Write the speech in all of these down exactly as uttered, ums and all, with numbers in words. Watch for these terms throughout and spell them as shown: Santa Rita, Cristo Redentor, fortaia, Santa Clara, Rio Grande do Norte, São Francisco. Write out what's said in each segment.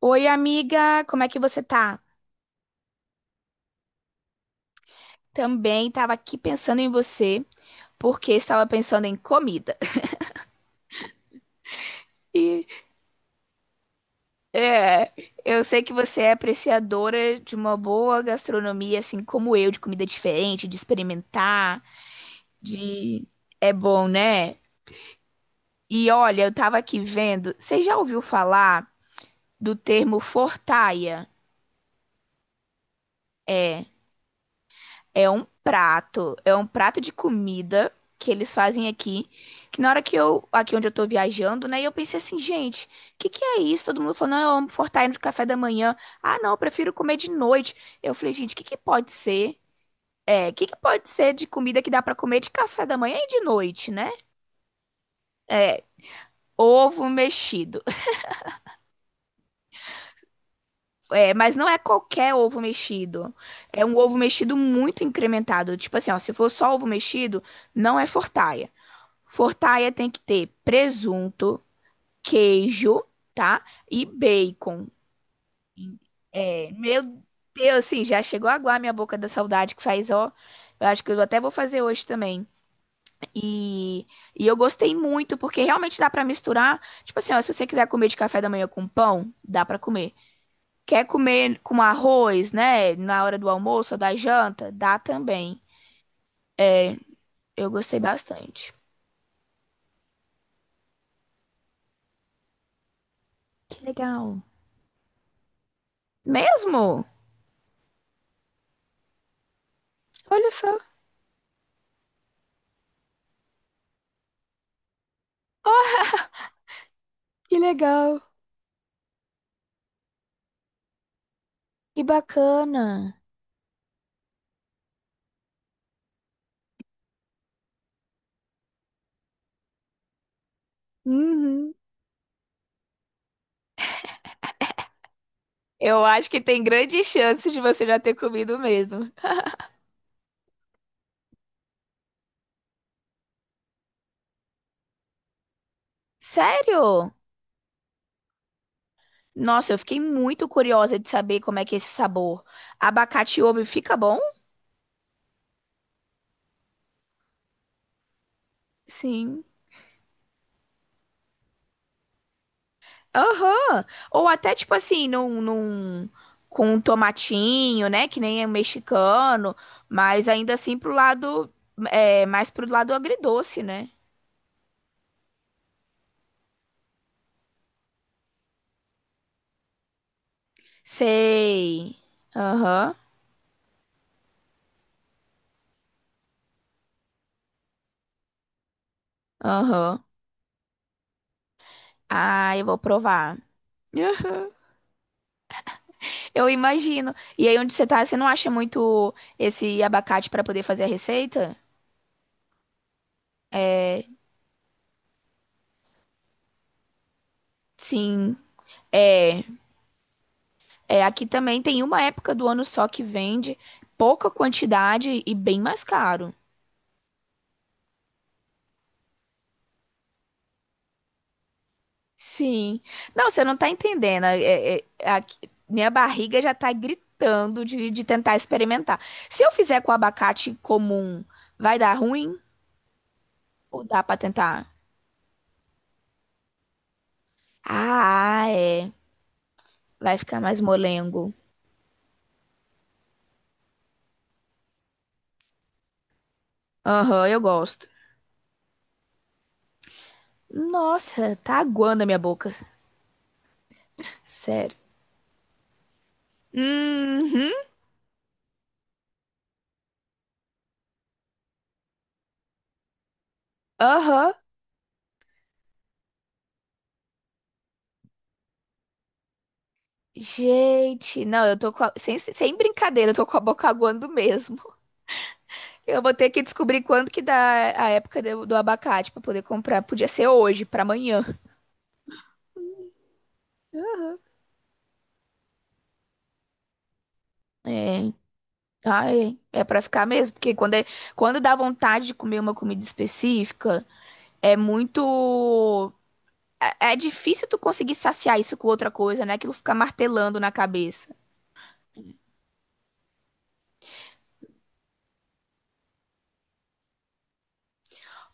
Oi, amiga, como é que você tá? Também tava aqui pensando em você, porque estava pensando em comida. E é, eu sei que você é apreciadora de uma boa gastronomia, assim como eu, de comida diferente, de experimentar, de é bom, né? E olha, eu tava aqui vendo, você já ouviu falar do termo fortaia? É. É um prato, é um prato de comida que eles fazem aqui, que na hora que eu, aqui onde eu tô viajando, né, eu pensei assim, gente, o que que é isso? Todo mundo falou, não, eu amo fortalecer de café da manhã. Ah, não, eu prefiro comer de noite. Eu falei, gente, o que que pode ser? É, o que que pode ser de comida que dá pra comer de café da manhã e de noite, né? É, ovo mexido. É, mas não é qualquer ovo mexido. É um ovo mexido muito incrementado. Tipo assim, ó, se for só ovo mexido, não é fortaia. Fortaia tem que ter presunto, queijo, tá? E bacon. É, meu Deus, assim, já chegou a aguar minha boca da saudade que faz, ó. Eu acho que eu até vou fazer hoje também. E, e eu gostei muito, porque realmente dá pra misturar. Tipo assim, ó, se você quiser comer de café da manhã com pão, dá pra comer. Quer comer com arroz, né? Na hora do almoço ou da janta, dá também. Eu gostei bastante. Que legal. Mesmo? Olha só, que legal. Que bacana. Uhum. Eu acho que tem grandes chances de você já ter comido mesmo. Sério? Nossa, eu fiquei muito curiosa de saber como é que é esse sabor. Abacate e ovo fica bom? Sim. Aham. Ou até tipo assim, num, num- com um tomatinho, né? Que nem é um mexicano, mas ainda assim pro lado, é, mais pro lado agridoce, né? Sei. Aham, aham. Ah, eu vou provar. Eu imagino. E aí onde você tá, você não acha muito esse abacate pra poder fazer a receita? Sim. É, é, aqui também tem uma época do ano só que vende pouca quantidade e bem mais caro. Sim. Não, você não tá entendendo. É, é, é- aqui- minha barriga já tá gritando de, de tentar experimentar. Se eu fizer com abacate comum, vai dar ruim ou dá pra tentar? Ah, é. Vai ficar mais molengo. Aham, eu gosto. Nossa, tá aguando a minha boca. Sério. Uhum. Aham. Gente, não, eu tô com a- sem, sem brincadeira, eu tô com a boca aguando mesmo. Eu vou ter que descobrir quando que dá a época do, do abacate pra poder comprar. Podia ser hoje, pra amanhã. É, ai, é pra ficar mesmo, porque quando, é- quando dá vontade de comer uma comida específica, é muito. É, é difícil tu conseguir saciar isso com outra coisa, né? Aquilo fica martelando na cabeça.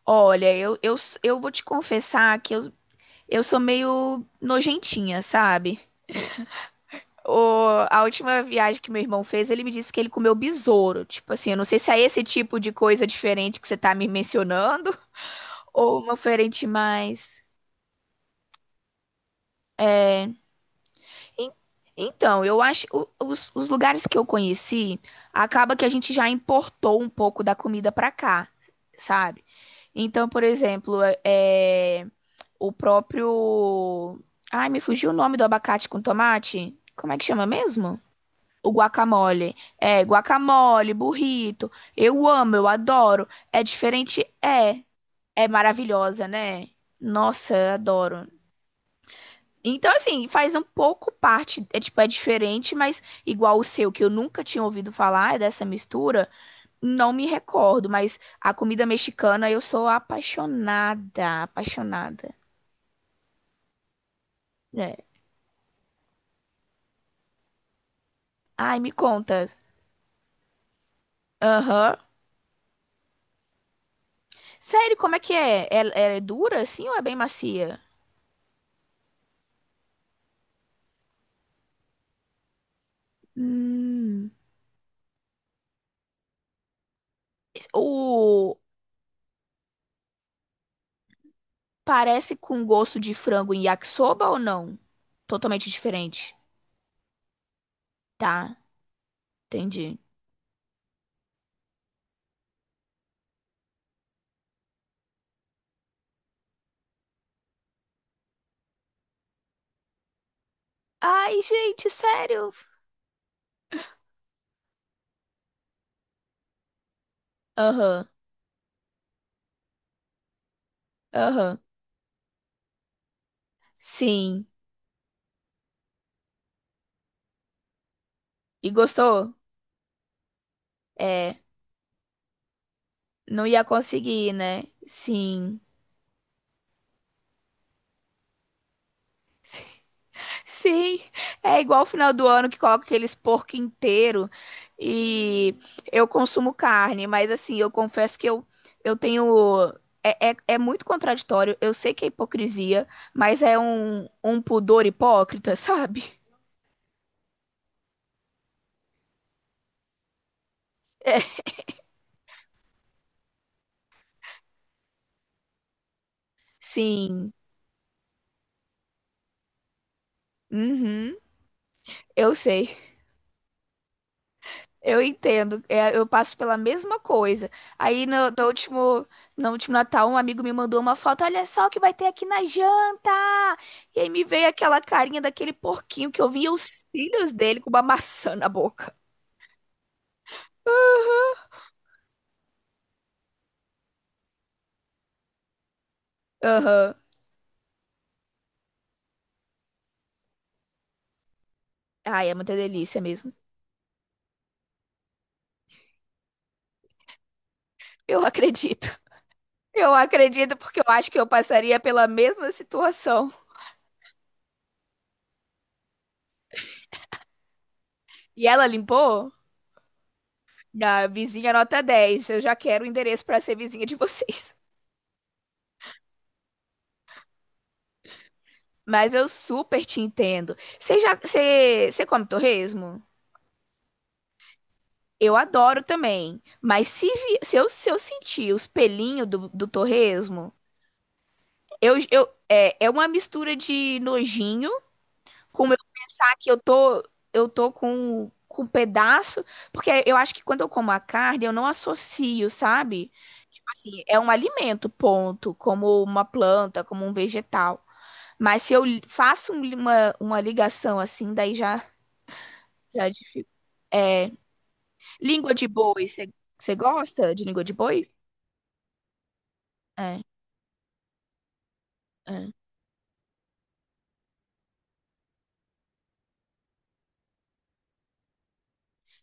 Olha, eu, eu, eu vou te confessar que eu, eu sou meio nojentinha, sabe? O, a última viagem que meu irmão fez, ele me disse que ele comeu besouro. Tipo assim, eu não sei se é esse tipo de coisa diferente que você tá me mencionando ou uma diferente mais. En- Então, eu acho o- os, os lugares que eu conheci, acaba que a gente já importou um pouco da comida pra cá, sabe? Então, por exemplo, é, é, o próprio. Ai, me fugiu o nome do abacate com tomate. Como é que chama mesmo? O guacamole. É, guacamole, burrito. Eu amo, eu adoro. É diferente? É. É maravilhosa, né? Nossa, eu adoro. Então, assim, faz um pouco parte, é tipo, é diferente, mas igual o seu, que eu nunca tinha ouvido falar dessa mistura, não me recordo, mas a comida mexicana eu sou apaixonada, apaixonada. É. Ai, me conta. Aham. Sério, como é que é? Ela ela é dura assim ou é bem macia? Hum. O... Parece com gosto de frango em yakisoba ou não? Totalmente diferente. Tá, entendi. Ai, gente, sério. Aham, aham. Sim. E gostou? É, não ia conseguir, né? Sim. Sim, é igual o final do ano que coloca aqueles porco inteiro e eu consumo carne, mas assim, eu confesso que eu, eu tenho. É, é, é muito contraditório, eu sei que é hipocrisia, mas é um, um pudor hipócrita, sabe? Sim, uhum, eu sei. Eu entendo, é, eu passo pela mesma coisa. Aí no, no último, no último Natal, um amigo me mandou uma foto, olha só o que vai ter aqui na janta. E aí me veio aquela carinha daquele porquinho que eu via os cílios dele com uma maçã na boca. Aham. Ai, é muita delícia mesmo. Eu acredito. Eu acredito porque eu acho que eu passaria pela mesma situação. E ela limpou? Na vizinha nota dez. Eu já quero o endereço para ser vizinha de vocês. Mas eu super te entendo. Você já, você, você come torresmo? Eu adoro também. Mas se, vi- se, eu, se eu sentir os pelinhos do, do torresmo, eu, eu, é, é uma mistura de nojinho com o meu que eu tô, eu tô com, com um pedaço. Porque eu acho que quando eu como a carne, eu não associo, sabe? Tipo assim, é um alimento, ponto. Como uma planta, como um vegetal. Mas se eu li- faço um li- uma, uma ligação assim, daí já. Já dific- É, língua de boi, você gosta de língua de boi? É, é.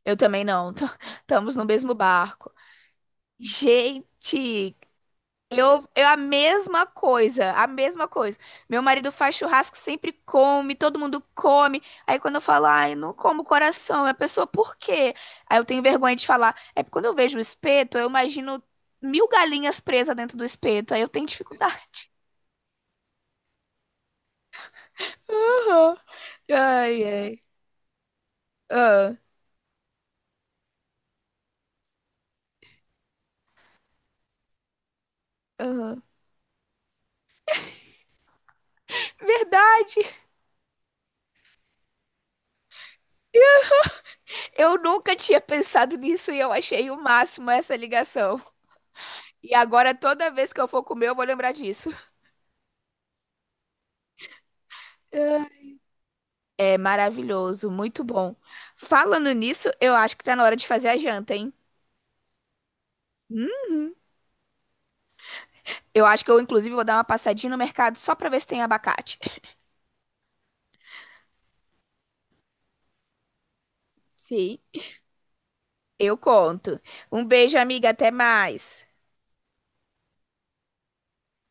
Eu também não. Estamos no mesmo barco. Gente, eu, eu a mesma coisa, a mesma coisa. Meu marido faz churrasco, sempre come, todo mundo come. Aí quando eu falo, ai, não como coração, a pessoa, por quê? Aí eu tenho vergonha de falar. É porque quando eu vejo o espeto, eu imagino mil galinhas presas dentro do espeto. Aí eu tenho dificuldade. Aham. Ai, ai. Ah, aham. Verdade! Eu nunca tinha pensado nisso e eu achei o máximo essa ligação. E agora, toda vez que eu for comer, eu vou lembrar disso. É maravilhoso, muito bom. Falando nisso, eu acho que tá na hora de fazer a janta, hein? Hum? Eu acho que eu, inclusive, vou dar uma passadinha no mercado só pra ver se tem abacate. Sim, eu conto. Um beijo, amiga, até mais.